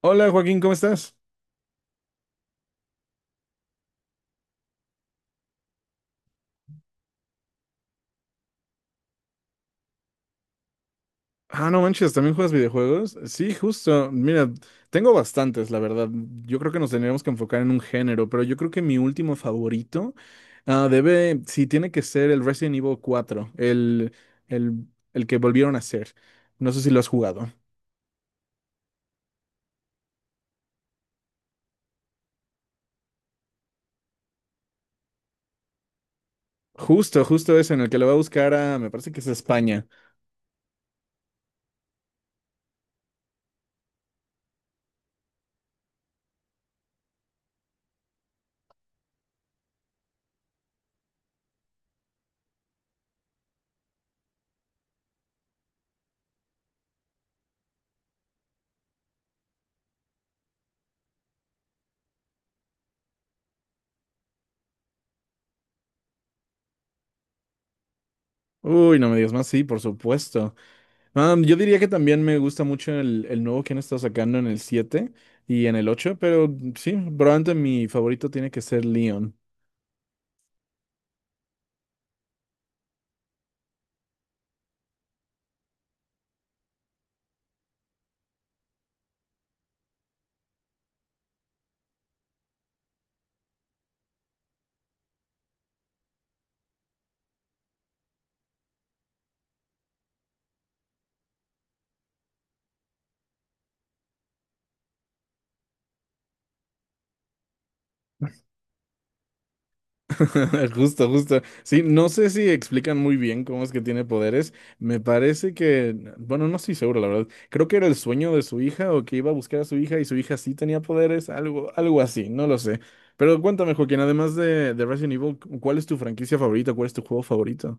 Hola Joaquín, ¿cómo estás? No manches, ¿también juegas videojuegos? Sí, justo. Mira, tengo bastantes, la verdad. Yo creo que nos tendríamos que enfocar en un género, pero yo creo que mi último favorito sí, tiene que ser el Resident Evil 4, el, el que volvieron a hacer. No sé si lo has jugado. Justo, justo ese en el que lo va a buscar a, me parece que es España. Uy, no me digas más, sí, por supuesto. Yo diría que también me gusta mucho el nuevo que han estado sacando en el 7 y en el 8, pero sí, probablemente mi favorito tiene que ser Leon. Justo, justo. Sí, no sé si explican muy bien cómo es que tiene poderes. Me parece que, bueno, no estoy seguro, la verdad. Creo que era el sueño de su hija o que iba a buscar a su hija y su hija sí tenía poderes, algo así, no lo sé. Pero cuéntame, Joaquín, además de Resident Evil, ¿cuál es tu franquicia favorita? ¿Cuál es tu juego favorito?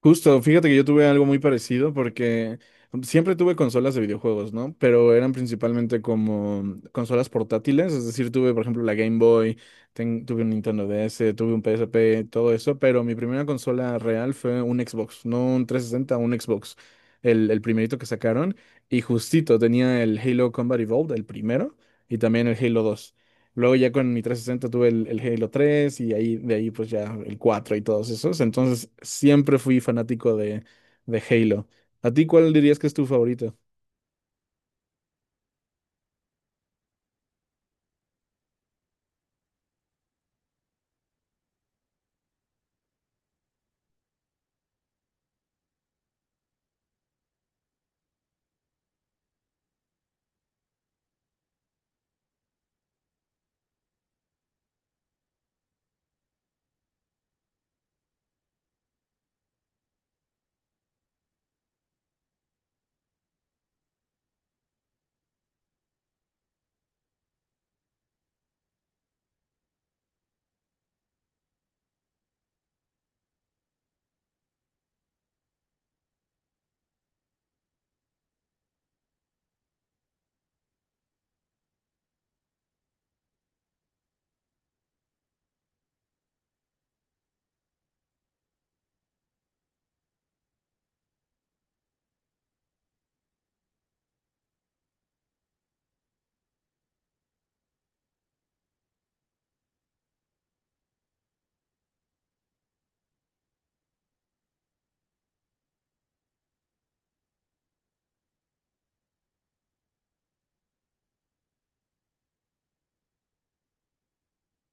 Justo, fíjate que yo tuve algo muy parecido porque siempre tuve consolas de videojuegos, ¿no? Pero eran principalmente como consolas portátiles, es decir, tuve por ejemplo la Game Boy, tuve un Nintendo DS, tuve un PSP, todo eso, pero mi primera consola real fue un Xbox, no un 360 un Xbox, el primerito que sacaron, y justito tenía el Halo Combat Evolved, el primero, y también el Halo dos. Luego ya con mi 360 tuve el Halo 3 y ahí, de ahí pues ya el 4 y todos esos. Entonces siempre fui fanático de Halo. ¿A ti cuál dirías que es tu favorito?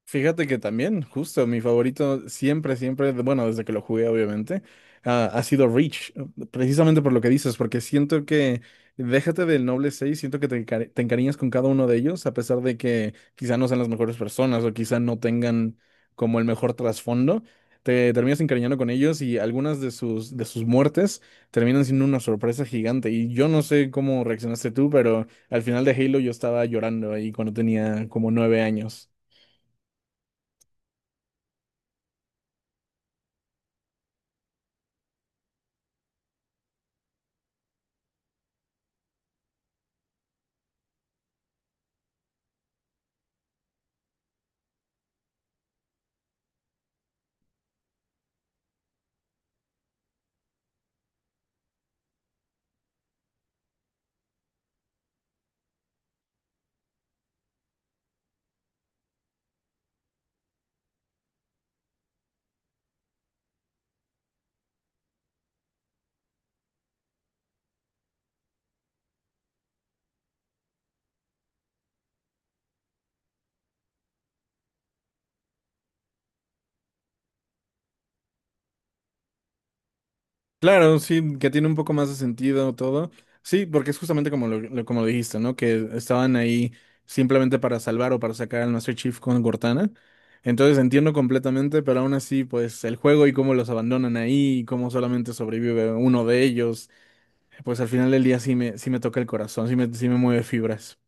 Fíjate que también, justo, mi favorito siempre, siempre, bueno, desde que lo jugué, obviamente, ha sido Reach, precisamente por lo que dices, porque siento que, déjate del Noble seis, siento que te encariñas con cada uno de ellos, a pesar de que quizá no sean las mejores personas o quizá no tengan como el mejor trasfondo, te terminas encariñando con ellos, y algunas de sus muertes terminan siendo una sorpresa gigante. Y yo no sé cómo reaccionaste tú, pero al final de Halo yo estaba llorando ahí cuando tenía como 9 años. Claro, sí, que tiene un poco más de sentido todo. Sí, porque es justamente como como lo dijiste, ¿no? Que estaban ahí simplemente para salvar o para sacar al Master Chief con Cortana. Entonces entiendo completamente, pero aún así, pues el juego y cómo los abandonan ahí y cómo solamente sobrevive uno de ellos, pues al final del día sí me toca el corazón, sí me mueve fibras.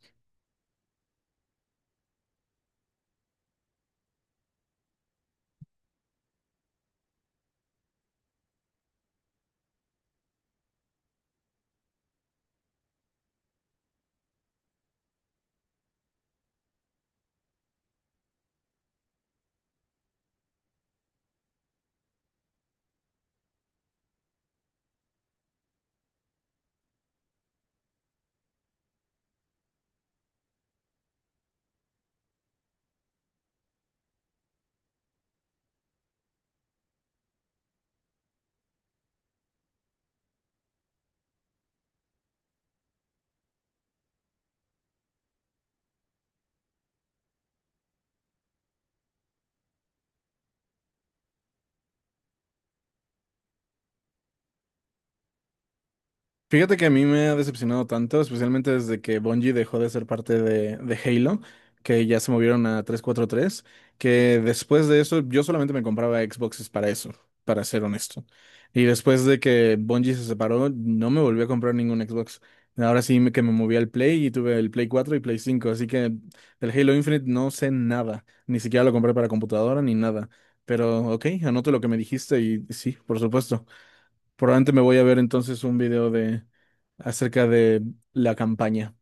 Fíjate que a mí me ha decepcionado tanto, especialmente desde que Bungie dejó de ser parte de Halo, que ya se movieron a 343, que después de eso yo solamente me compraba Xboxes para eso, para ser honesto. Y después de que Bungie se separó, no me volví a comprar ningún Xbox. Ahora sí, que me moví al Play y tuve el Play 4 y Play cinco, así que del Halo Infinite no sé nada, ni siquiera lo compré para computadora ni nada. Pero ok, anoto lo que me dijiste y sí, por supuesto. Probablemente me voy a ver entonces un video de acerca de la campaña.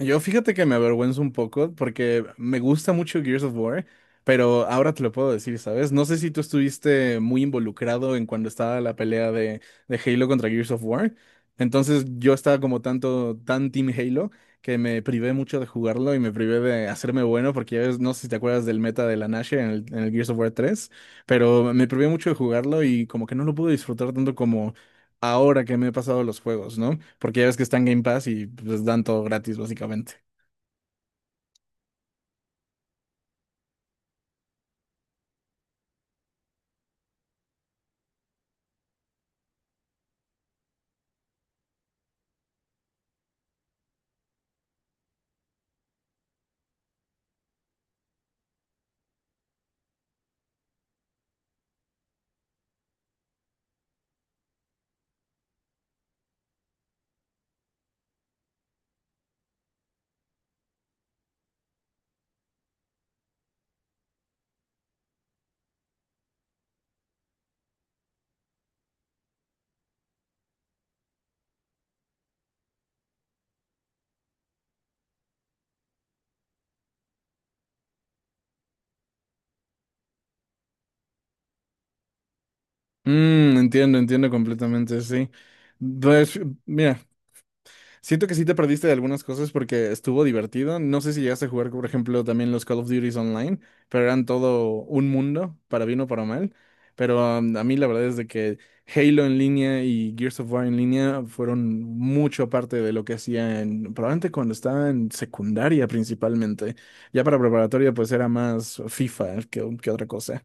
Yo fíjate que me avergüenzo un poco porque me gusta mucho Gears of War, pero ahora te lo puedo decir, ¿sabes? No sé si tú estuviste muy involucrado en cuando estaba la pelea de Halo contra Gears of War. Entonces yo estaba como tan Team Halo, que me privé mucho de jugarlo y me privé de hacerme bueno, porque ya ves, no sé si te acuerdas del meta de la Nashor en el Gears of War 3. Pero me privé mucho de jugarlo y como que no lo pude disfrutar tanto como ahora que me he pasado los juegos, ¿no? Porque ya ves que están Game Pass y pues dan todo gratis, básicamente. Entiendo, entiendo completamente, sí. Pues, mira, siento que sí te perdiste de algunas cosas porque estuvo divertido. No sé si llegaste a jugar, por ejemplo, también los Call of Duty online, pero eran todo un mundo, para bien o para mal. Pero a mí la verdad es de que Halo en línea y Gears of War en línea fueron mucho parte de lo que hacía en, probablemente cuando estaba en secundaria principalmente. Ya para preparatoria pues era más FIFA que otra cosa.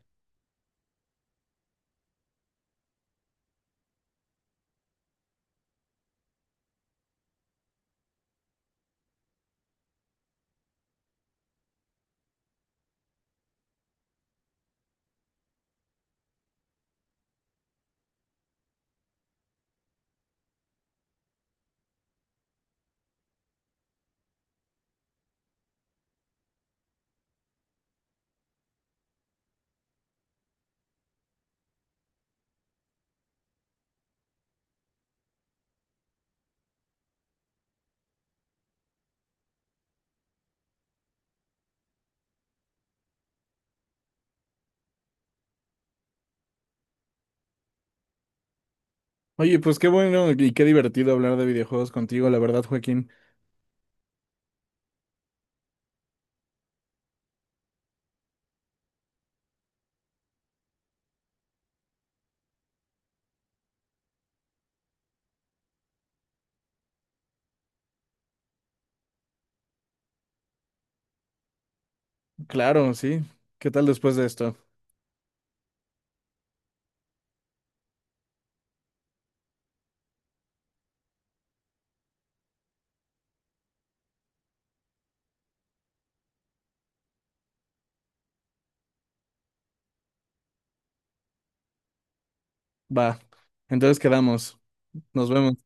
Oye, pues qué bueno y qué divertido hablar de videojuegos contigo, la verdad, Joaquín. Claro, sí. ¿Qué tal después de esto? Va. Entonces quedamos. Nos vemos.